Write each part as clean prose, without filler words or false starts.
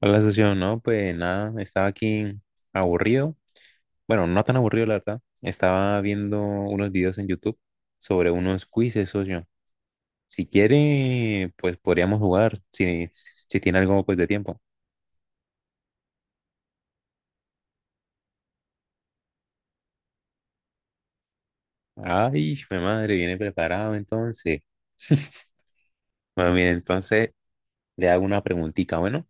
Hola, socio. No, pues nada, estaba aquí aburrido. Bueno, no tan aburrido, la verdad. Estaba viendo unos videos en YouTube sobre unos quizzes, socio. Si quiere, pues podríamos jugar, si tiene algo pues de tiempo. Ay, mi madre, viene preparado entonces. Bueno, mire, entonces le hago una preguntita, bueno.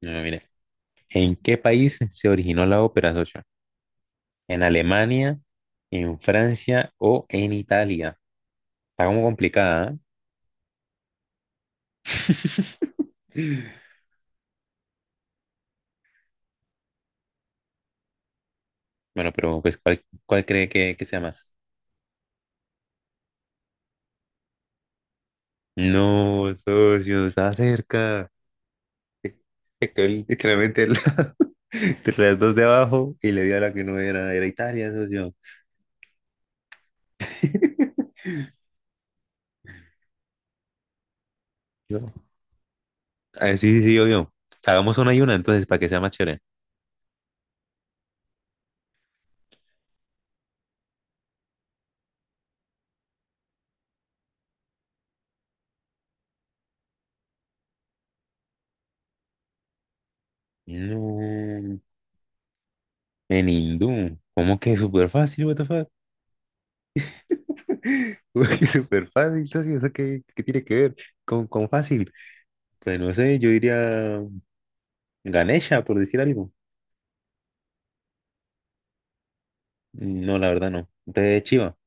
Bueno, mire, ¿en qué país se originó la ópera, socio? ¿En Alemania, en Francia o en Italia? Está como complicada, ¿ah? Bueno, pero pues, ¿cuál cree que sea más? No, socio, estaba cerca. Es que él literalmente entre las dos de abajo y le dio a la que no era, era Italia, socio. No. Ah, sí, sí, sí, obvio. Hagamos una y una entonces para que sea más chévere. No, en hindú. ¿Cómo que súper fácil, what the fuck? ¿Cómo que súper fácil, entonces? ¿Eso qué tiene que ver con fácil? Pues no sé, yo diría Ganesha, por decir algo. No, la verdad no. De Chiva.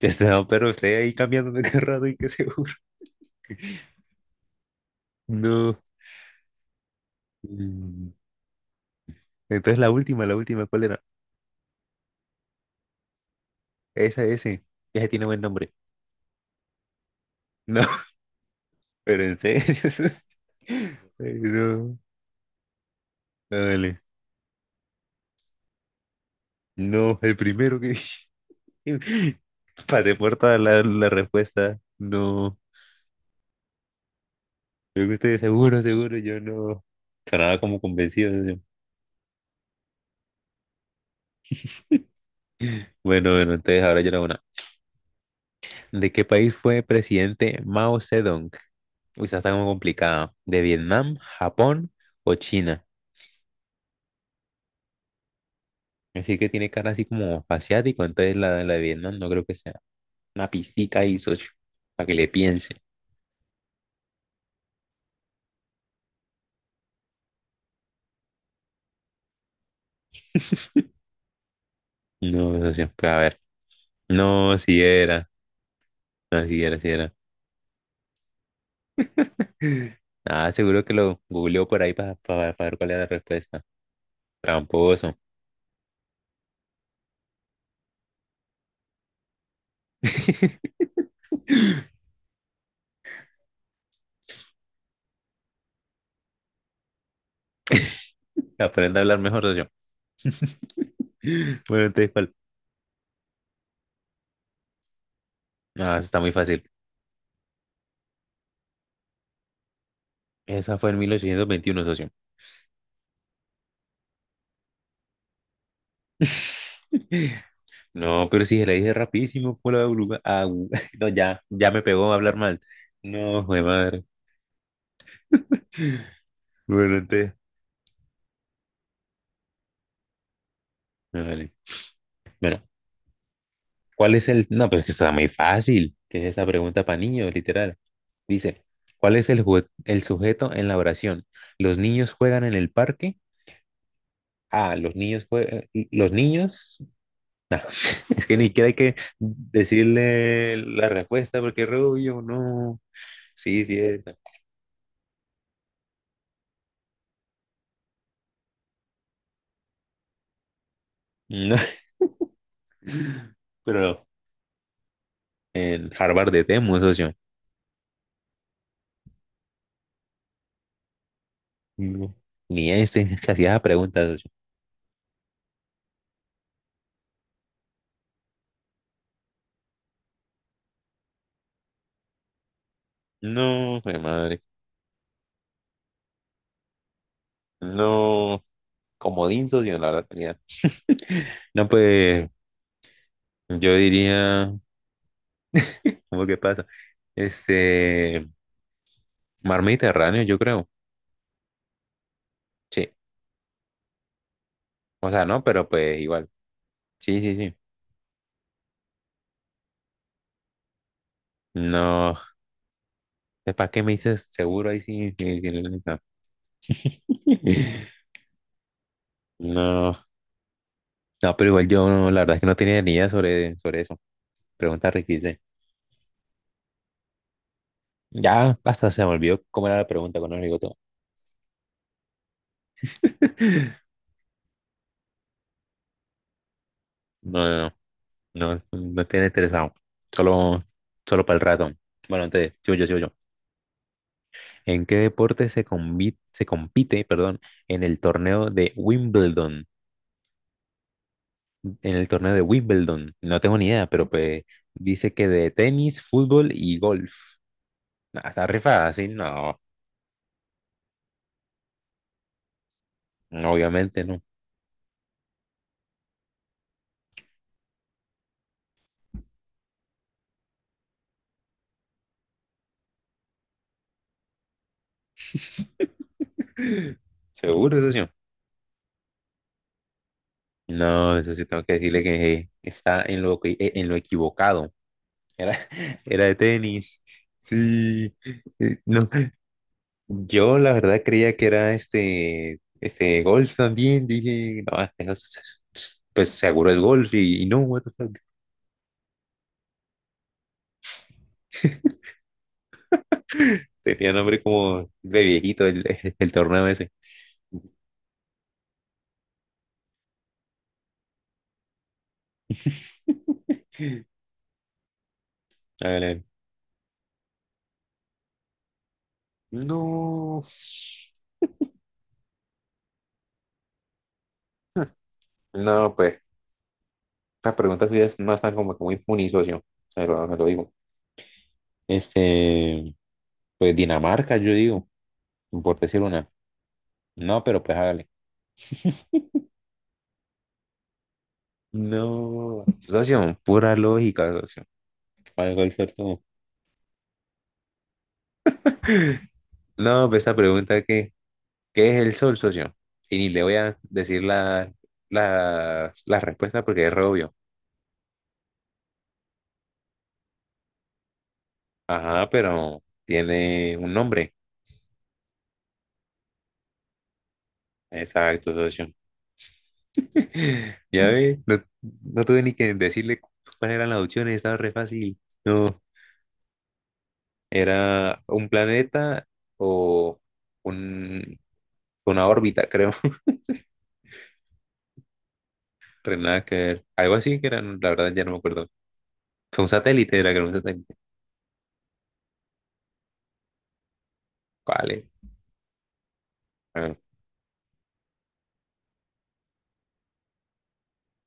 Este, no, pero estoy ahí cambiándome cada rato y qué seguro. No. Mm, Entonces la última, ¿cuál era? Esa, ese ya tiene buen nombre. No, pero en serio. Ay, no. Dale. No, el primero que dije. Pasé por toda la respuesta. No. Creo que ustedes seguro, seguro, yo no. Sonaba como convencido. Yo. Bueno, bueno, entonces ahora yo era una. ¿De qué país fue presidente Mao Zedong? Uy, esa está como complicada. De Vietnam, Japón o China. Así que tiene cara así como asiático, entonces la de Vietnam no creo que sea. Una pistica ahí, socio, para que le piense. No, socio, pues a ver. No, si era. No, si era, si era. Ah, seguro que lo googleó por ahí para ver cuál era la respuesta. Tramposo. Aprende a hablar mejor, socio. Bueno, entonces, ¿cuál? Ah, esa está muy fácil. Esa fue en 1821, socio. No, pero si se la dije rapidísimo, por la oruga. Ah, no, ya me pegó a hablar mal. No, de madre. Bueno, entonces, no, vale. Bueno, ¿cuál es el? No, pero es que está muy fácil, que es esa pregunta para niños, literal. Dice, ¿cuál es el sujeto en la oración? ¿Los niños juegan en el parque? Ah, los niños juegan. ¿Los niños? No, es que ni siquiera hay que decirle la respuesta porque Rubio, no. Sí, sí, es. No, pero en Harvard de Temu, socio. No, ni este se hacía esa pregunta, socio. No, mi madre. No, comodín, socio, la verdad, tenía. No, pues yo diría, ¿cómo que pasa? Este, mar Mediterráneo, yo creo. Sí, o sea, no, pero pues igual. Sí, sí, sí. No, ¿para qué me dices seguro ahí sí? Sí, sí, la neta. No, no, pero igual yo, no, la verdad es que no tenía ni idea sobre eso. Pregunta requisita. Ya hasta se me olvidó cómo era la pregunta cuando me digo todo. No, no, no, no tiene interesado. Solo, solo para el rato. Bueno, entonces, sigo yo, sigo yo. ¿En qué deporte se compite, perdón, en el torneo de Wimbledon? En el torneo de Wimbledon. No tengo ni idea, pero pues dice que de tenis, fútbol y golf. Nah, está rifada sí no, obviamente no. Seguro, eso sí. No, eso sí tengo que decirle que está en lo, en lo equivocado. Era, era de tenis. Sí. No, yo la verdad creía que era este golf también. Dije, no, este pues seguro es golf y no, what the fuck. Tenía nombre como de viejito el torneo ese. Hágale. No. Hmm. No, pues, esta pregunta suya no están como que muy funny, socio. Se lo digo. Este, pues Dinamarca, yo digo, por decir una. No, pero pues hágale. No. Socio, pura lógica, socio. ¿Cuál fue tu-? No, pues esta pregunta que, ¿qué es el sol, socio? Y ni le voy a decir la respuesta porque es re obvio. Ajá, pero tiene un nombre. Exacto, socio. Ya ve, no, no tuve ni que decirle cuáles eran las opciones, estaba re fácil. No, era un planeta o un, una órbita, creo. Re nada que ver. Algo así que era, la verdad ya no me acuerdo. Un satélite era, creo, un satélite. Vale.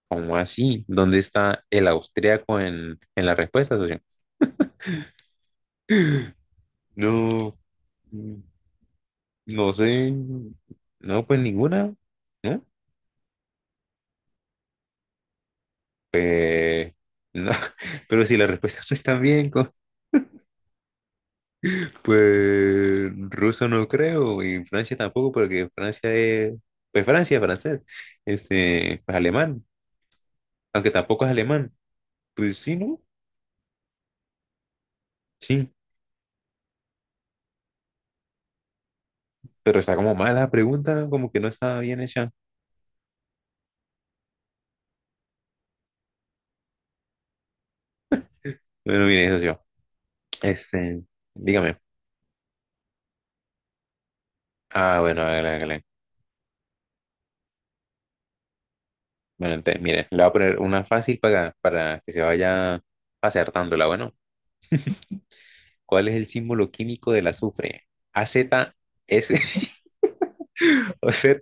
¿Cómo así? ¿Dónde está el austríaco en la respuesta, socio? No, no sé. No, pues ninguna, ¿no? Pues, no. Pero si las respuestas no están bien, co- pues ruso no creo, y Francia tampoco, porque Francia es, pues Francia, francés, este, pues alemán, aunque tampoco es alemán, pues sí, ¿no? Sí, pero está como mala la pregunta, como que no estaba bien hecha. Bueno, mire, eso yo, este, dígame. Ah, bueno, hágale, hágale. Bueno, entonces, mire, le voy a poner una fácil para que se vaya acertándola. Bueno, ¿cuál es el símbolo químico del azufre? A Z S o Z.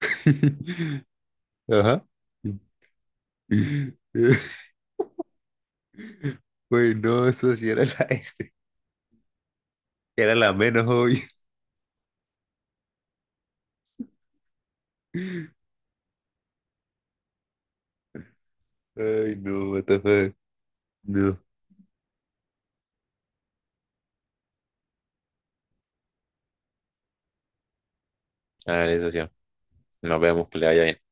Ajá. Bueno, eso sí era la este. Era la menos obvia. Ay, no, what the fuck. No. Hágale, socio. Nos vemos, que le vaya bien.